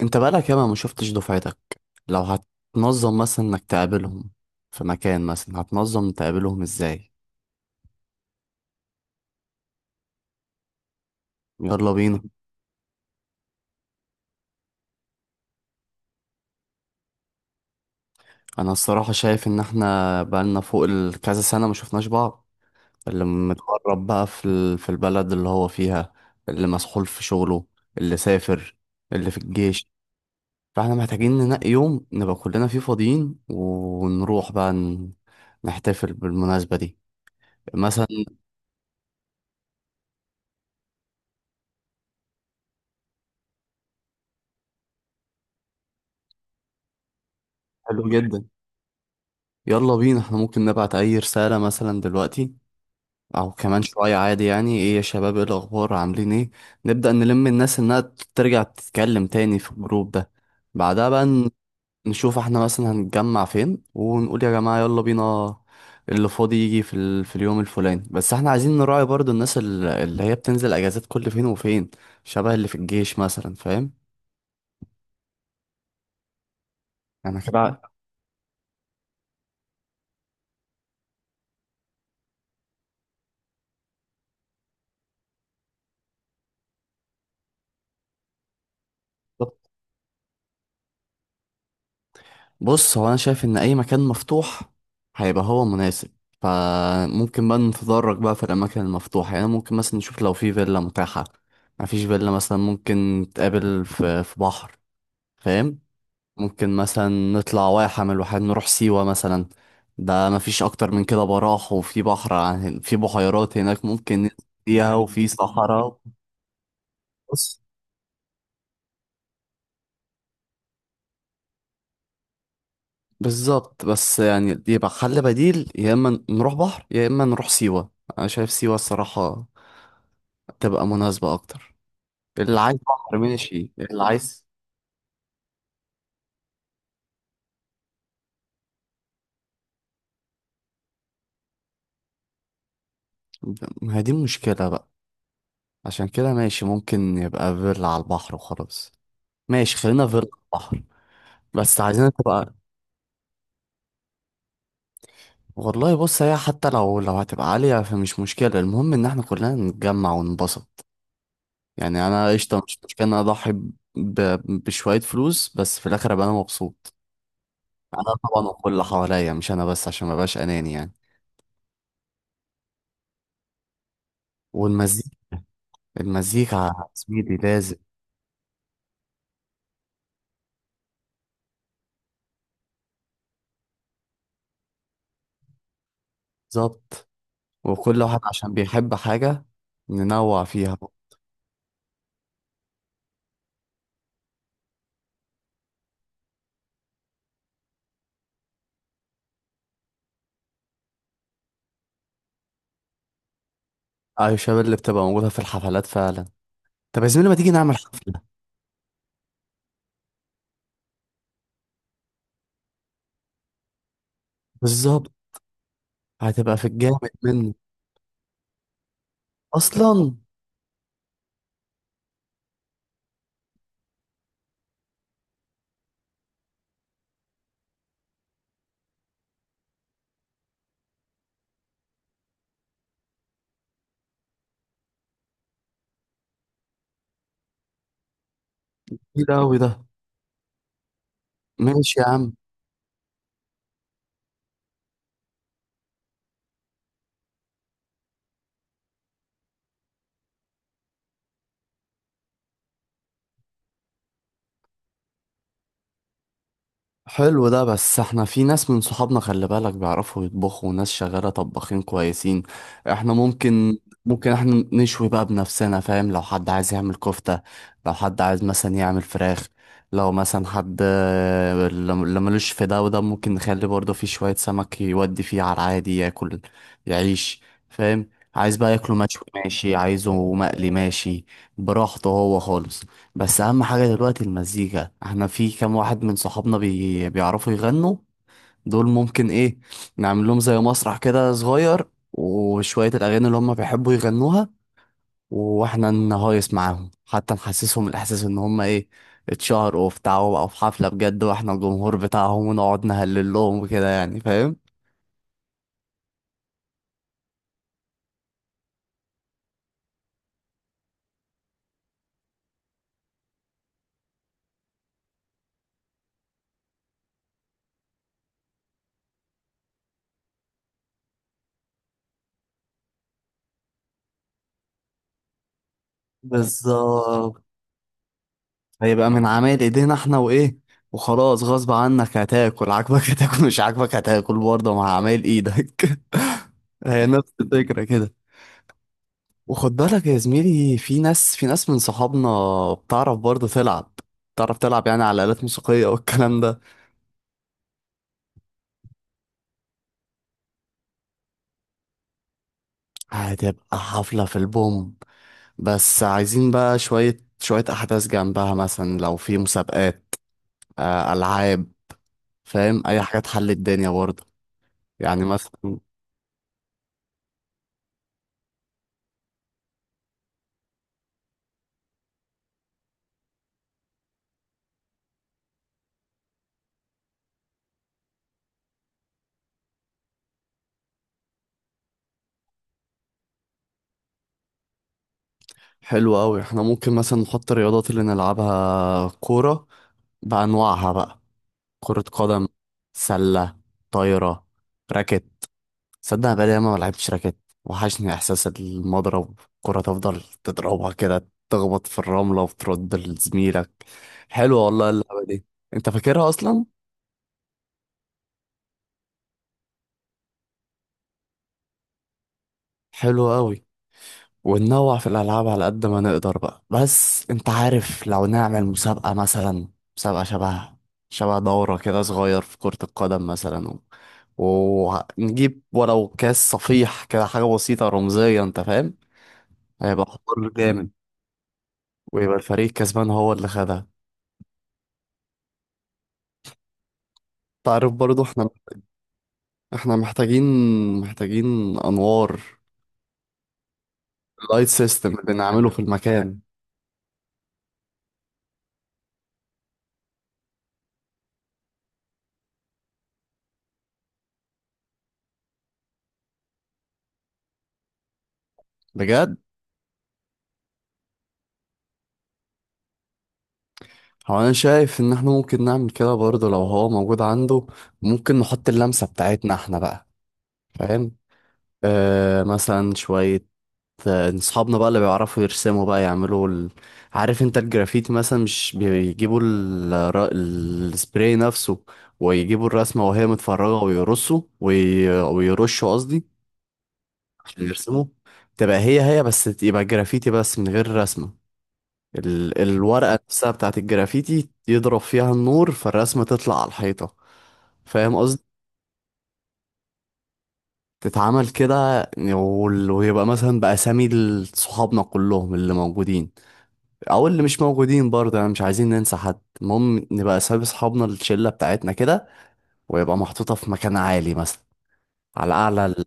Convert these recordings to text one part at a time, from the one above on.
انت بقالك ياما ما شفتش دفعتك. لو هتنظم مثلا انك تقابلهم في مكان، مثلا هتنظم تقابلهم ازاي؟ يلا بينا. انا الصراحة شايف ان احنا بقالنا فوق كذا سنة ما شفناش بعض. اللي متغرب بقى في البلد اللي هو فيها، اللي مسحول في شغله، اللي سافر، اللي في الجيش. فاحنا محتاجين ننقي يوم نبقى كلنا فيه فاضيين ونروح بقى نحتفل بالمناسبة دي مثلا. حلو جدا. يلا بينا، احنا ممكن نبعت اي رسالة مثلا دلوقتي او كمان شوية، عادي، يعني ايه يا شباب، ايه الاخبار، عاملين ايه. نبدأ نلم الناس انها ترجع تتكلم تاني في الجروب ده. بعدها بقى نشوف احنا مثلا هنتجمع فين، ونقول يا جماعة يلا بينا، اللي فاضي يجي في اليوم الفلاني. بس احنا عايزين نراعي برضو الناس اللي هي بتنزل اجازات كل فين وفين، شبه اللي في الجيش مثلا، فاهم. انا كده. بص، هو انا شايف ان اي مكان مفتوح هيبقى هو مناسب، فممكن بقى نتدرج بقى في الاماكن المفتوحه، يعني ممكن مثلا نشوف لو في فيلا متاحه. مفيش فيلا مثلا، ممكن نتقابل في بحر، فاهم. ممكن مثلا نطلع واحه من الواحات، نروح سيوه مثلا. ده مفيش اكتر من كده براح، وفي بحر في بحيرات هناك ممكن ننزل فيها، وفي صحراء. بص، بالظبط، بس يعني يبقى حل بديل، يا اما نروح بحر يا اما نروح سيوه. انا شايف سيوه الصراحه تبقى مناسبة أكتر. اللي عايز بحر ماشي، اللي عايز. ما هي دي المشكلة بقى. عشان كده ماشي، ممكن يبقى فيلا على البحر وخلاص. ماشي، خلينا فيلا على البحر، بس عايزينها تبقى. والله بص، هي حتى لو هتبقى عالية فمش مشكلة، المهم إن احنا كلنا نتجمع وننبسط. يعني أنا قشطة، مش مشكلة إن أنا أضحي بشوية فلوس، بس في الآخر أبقى أنا مبسوط. أنا طبعا وكل اللي حواليا مش أنا بس، عشان مبقاش أناني يعني. والمزيكا المزيكا يا زميلي لازم. بالظبط، وكل واحد عشان بيحب حاجة ننوع فيها. أيوة، الشباب اللي بتبقى موجودة في الحفلات فعلا. طب يا زميلي، ما تيجي نعمل حفلة. بالظبط، هتبقى في الجامد منه أصلا. كتير أوي ده. ماشي يا عم. حلو ده، بس احنا في ناس من صحابنا خلي بالك بيعرفوا يطبخوا، وناس شغالة طباخين كويسين. احنا ممكن احنا نشوي بقى بنفسنا، فاهم. لو حد عايز يعمل كفتة، لو حد عايز مثلا يعمل فراخ، لو مثلا حد اللي ملوش في ده وده، ممكن نخلي برضه في شوية سمك يودي فيه على العادي ياكل يعيش، فاهم. عايز بقى ياكله مشوي ماشي، عايزه مقلي ماشي، براحته هو خالص. بس اهم حاجة دلوقتي المزيكا. احنا في كام واحد من صحابنا بيعرفوا يغنوا، دول ممكن ايه، نعمل لهم زي مسرح كده صغير، وشوية الاغاني اللي هم بيحبوا يغنوها، واحنا نهايس معاهم، حتى نحسسهم الاحساس ان هم ايه، اتشهروا وبتاع وبقوا في حفلة بجد، واحنا الجمهور بتاعهم ونقعد نهلل لهم وكده، يعني فاهم. بالظبط، هيبقى من عمايل ايدينا احنا وايه، وخلاص، غصب عنك هتاكل عاجبك هتاكل مش عاجبك هتاكل برضه مع عمايل ايدك. هي نفس الفكرة كده. وخد بالك يا زميلي، في ناس، من صحابنا بتعرف برضه تلعب، بتعرف تلعب يعني على آلات موسيقية والكلام ده. هتبقى حفلة في البوم. بس عايزين بقى شوية شوية أحداث جنبها، مثلا لو في مسابقات، ألعاب، فاهم، أي حاجة تحل الدنيا برضه، يعني مثلا. حلو قوي، احنا ممكن مثلا نحط الرياضات اللي نلعبها، كورة بأنواعها بقى، كرة قدم، سلة، طايرة، راكت. صدق أنا بقالي ياما ما لعبتش راكت، وحشني إحساس المضرب، الكرة تفضل تضربها كده، تخبط في الرملة وترد لزميلك، حلوة والله اللعبة دي. أنت فاكرها أصلا؟ حلوة قوي. وننوع في الألعاب على قد ما نقدر بقى، بس أنت عارف لو نعمل مسابقة مثلا، مسابقة شبه دورة كده صغير في كرة القدم مثلا، و... ونجيب ولو كاس صفيح، كده حاجة بسيطة رمزية، أنت فاهم، هيبقى حوار جامد، ويبقى الفريق الكسبان هو اللي خدها. تعرف برضو احنا، احنا محتاجين أنوار، لايت سيستم اللي نعمله في المكان، بجد. هو انا شايف ان احنا ممكن نعمل كده برضه لو هو موجود عنده، ممكن نحط اللمسة بتاعتنا احنا بقى، فاهم. آه، مثلا شوية اصحابنا بقى اللي بيعرفوا يرسموا بقى، يعملوا عارف انت الجرافيتي مثلا، مش بيجيبوا السبراي نفسه، ويجيبوا الرسمة وهي متفرجة ويرصوا ويرشوا قصدي، عشان يرسموا، تبقى هي هي، بس يبقى جرافيتي بس من غير رسمة. الورقة نفسها بتاعت الجرافيتي يضرب فيها النور فالرسمة تطلع على الحيطة، فاهم قصدي. تتعمل كده، ويبقى مثلا بأسامي صحابنا كلهم اللي موجودين، أو اللي مش موجودين برضه، يعني مش عايزين ننسى حد، المهم نبقى أسامي صحابنا الشلة بتاعتنا كده، ويبقى محطوطة في مكان عالي مثلا، على أعلى.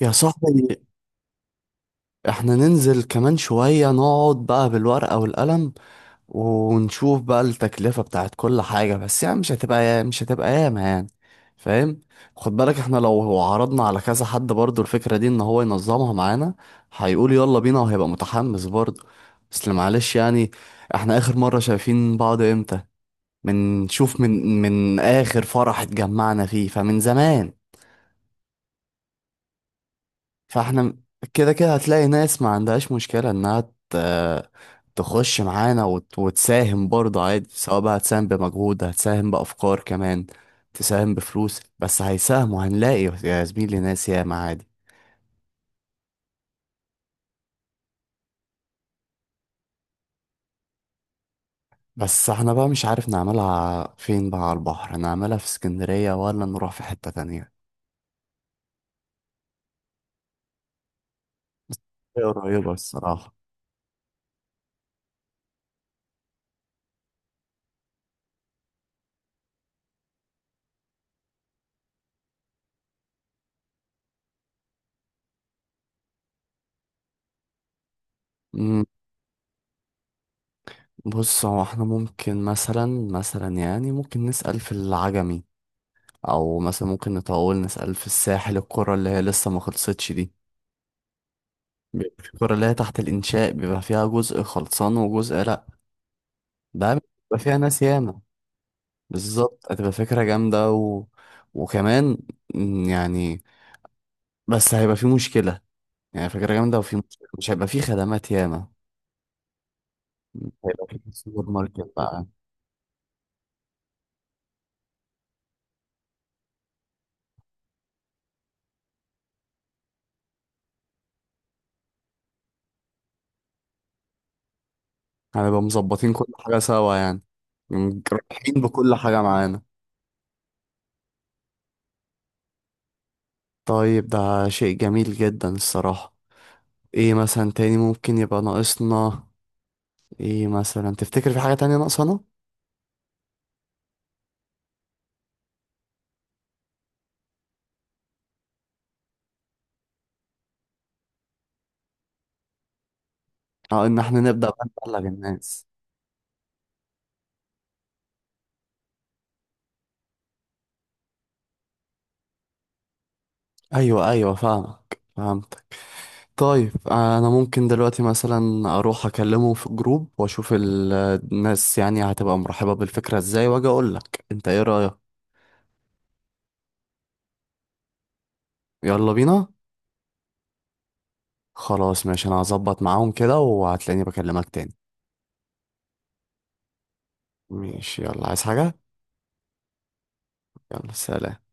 يا صاحبي، احنا ننزل كمان شوية، نقعد بقى بالورقة والقلم، ونشوف بقى التكلفة بتاعت كل حاجة، بس يعني مش هتبقى ياما، يعني فاهم. خد بالك احنا لو عرضنا على كذا حد برضو الفكرة دي ان هو ينظمها معانا، هيقول يلا بينا وهيبقى متحمس برضو. بس معلش يعني، احنا اخر مرة شايفين بعض امتى؟ من شوف من من اخر فرح اتجمعنا فيه، فمن زمان. فاحنا م- كده كده هتلاقي ناس ما عندهاش مشكلة انها ت- تخش معانا وتساهم برضه عادي، سواء بقى هتساهم بمجهود، هتساهم بأفكار، كمان تساهم بفلوس، بس هيساهموا، هنلاقي يا زميلي ناس ياما عادي. بس احنا بقى مش عارف نعملها فين بقى، على البحر نعملها في اسكندرية ولا نروح في حتة تانية. هي قريبة الصراحة. مم. بص، هو احنا ممكن مثلا، يعني ممكن نسأل في العجمي، او مثلا ممكن نطول نسأل في الساحل، القرى اللي هي لسه ما خلصتش دي، بيبقى في القرى اللي هي تحت الانشاء بيبقى فيها جزء خلصان وجزء لا، ده بيبقى فيها ناس ياما. بالظبط، هتبقى فكرة جامدة. وكمان يعني، بس هيبقى في مشكلة، يعني فكرة جامدة وفي مشكلة، مش هيبقى في خدمات ياما، هيبقى في سوبر ماركت بقى. هنبقى مظبطين كل حاجة سوا يعني. رايحين بكل حاجة معانا. طيب ده شيء جميل جدا الصراحة. ايه مثلا تاني ممكن يبقى ناقصنا؟ ايه مثلا تفتكر في حاجة تانية ناقصانا؟ اه، ان احنا نبدأ بقى نبلغ الناس. ايوه، ايوه، فاهمك، فهمتك. طيب انا ممكن دلوقتي مثلا اروح اكلمه في جروب واشوف الناس يعني هتبقى مرحبة بالفكرة ازاي، واجي اقول لك انت ايه رأيك. يلا بينا. خلاص ماشي، انا هظبط معاهم كده وهتلاقيني بكلمك تاني. ماشي، يلا، عايز حاجة. يلا سلام.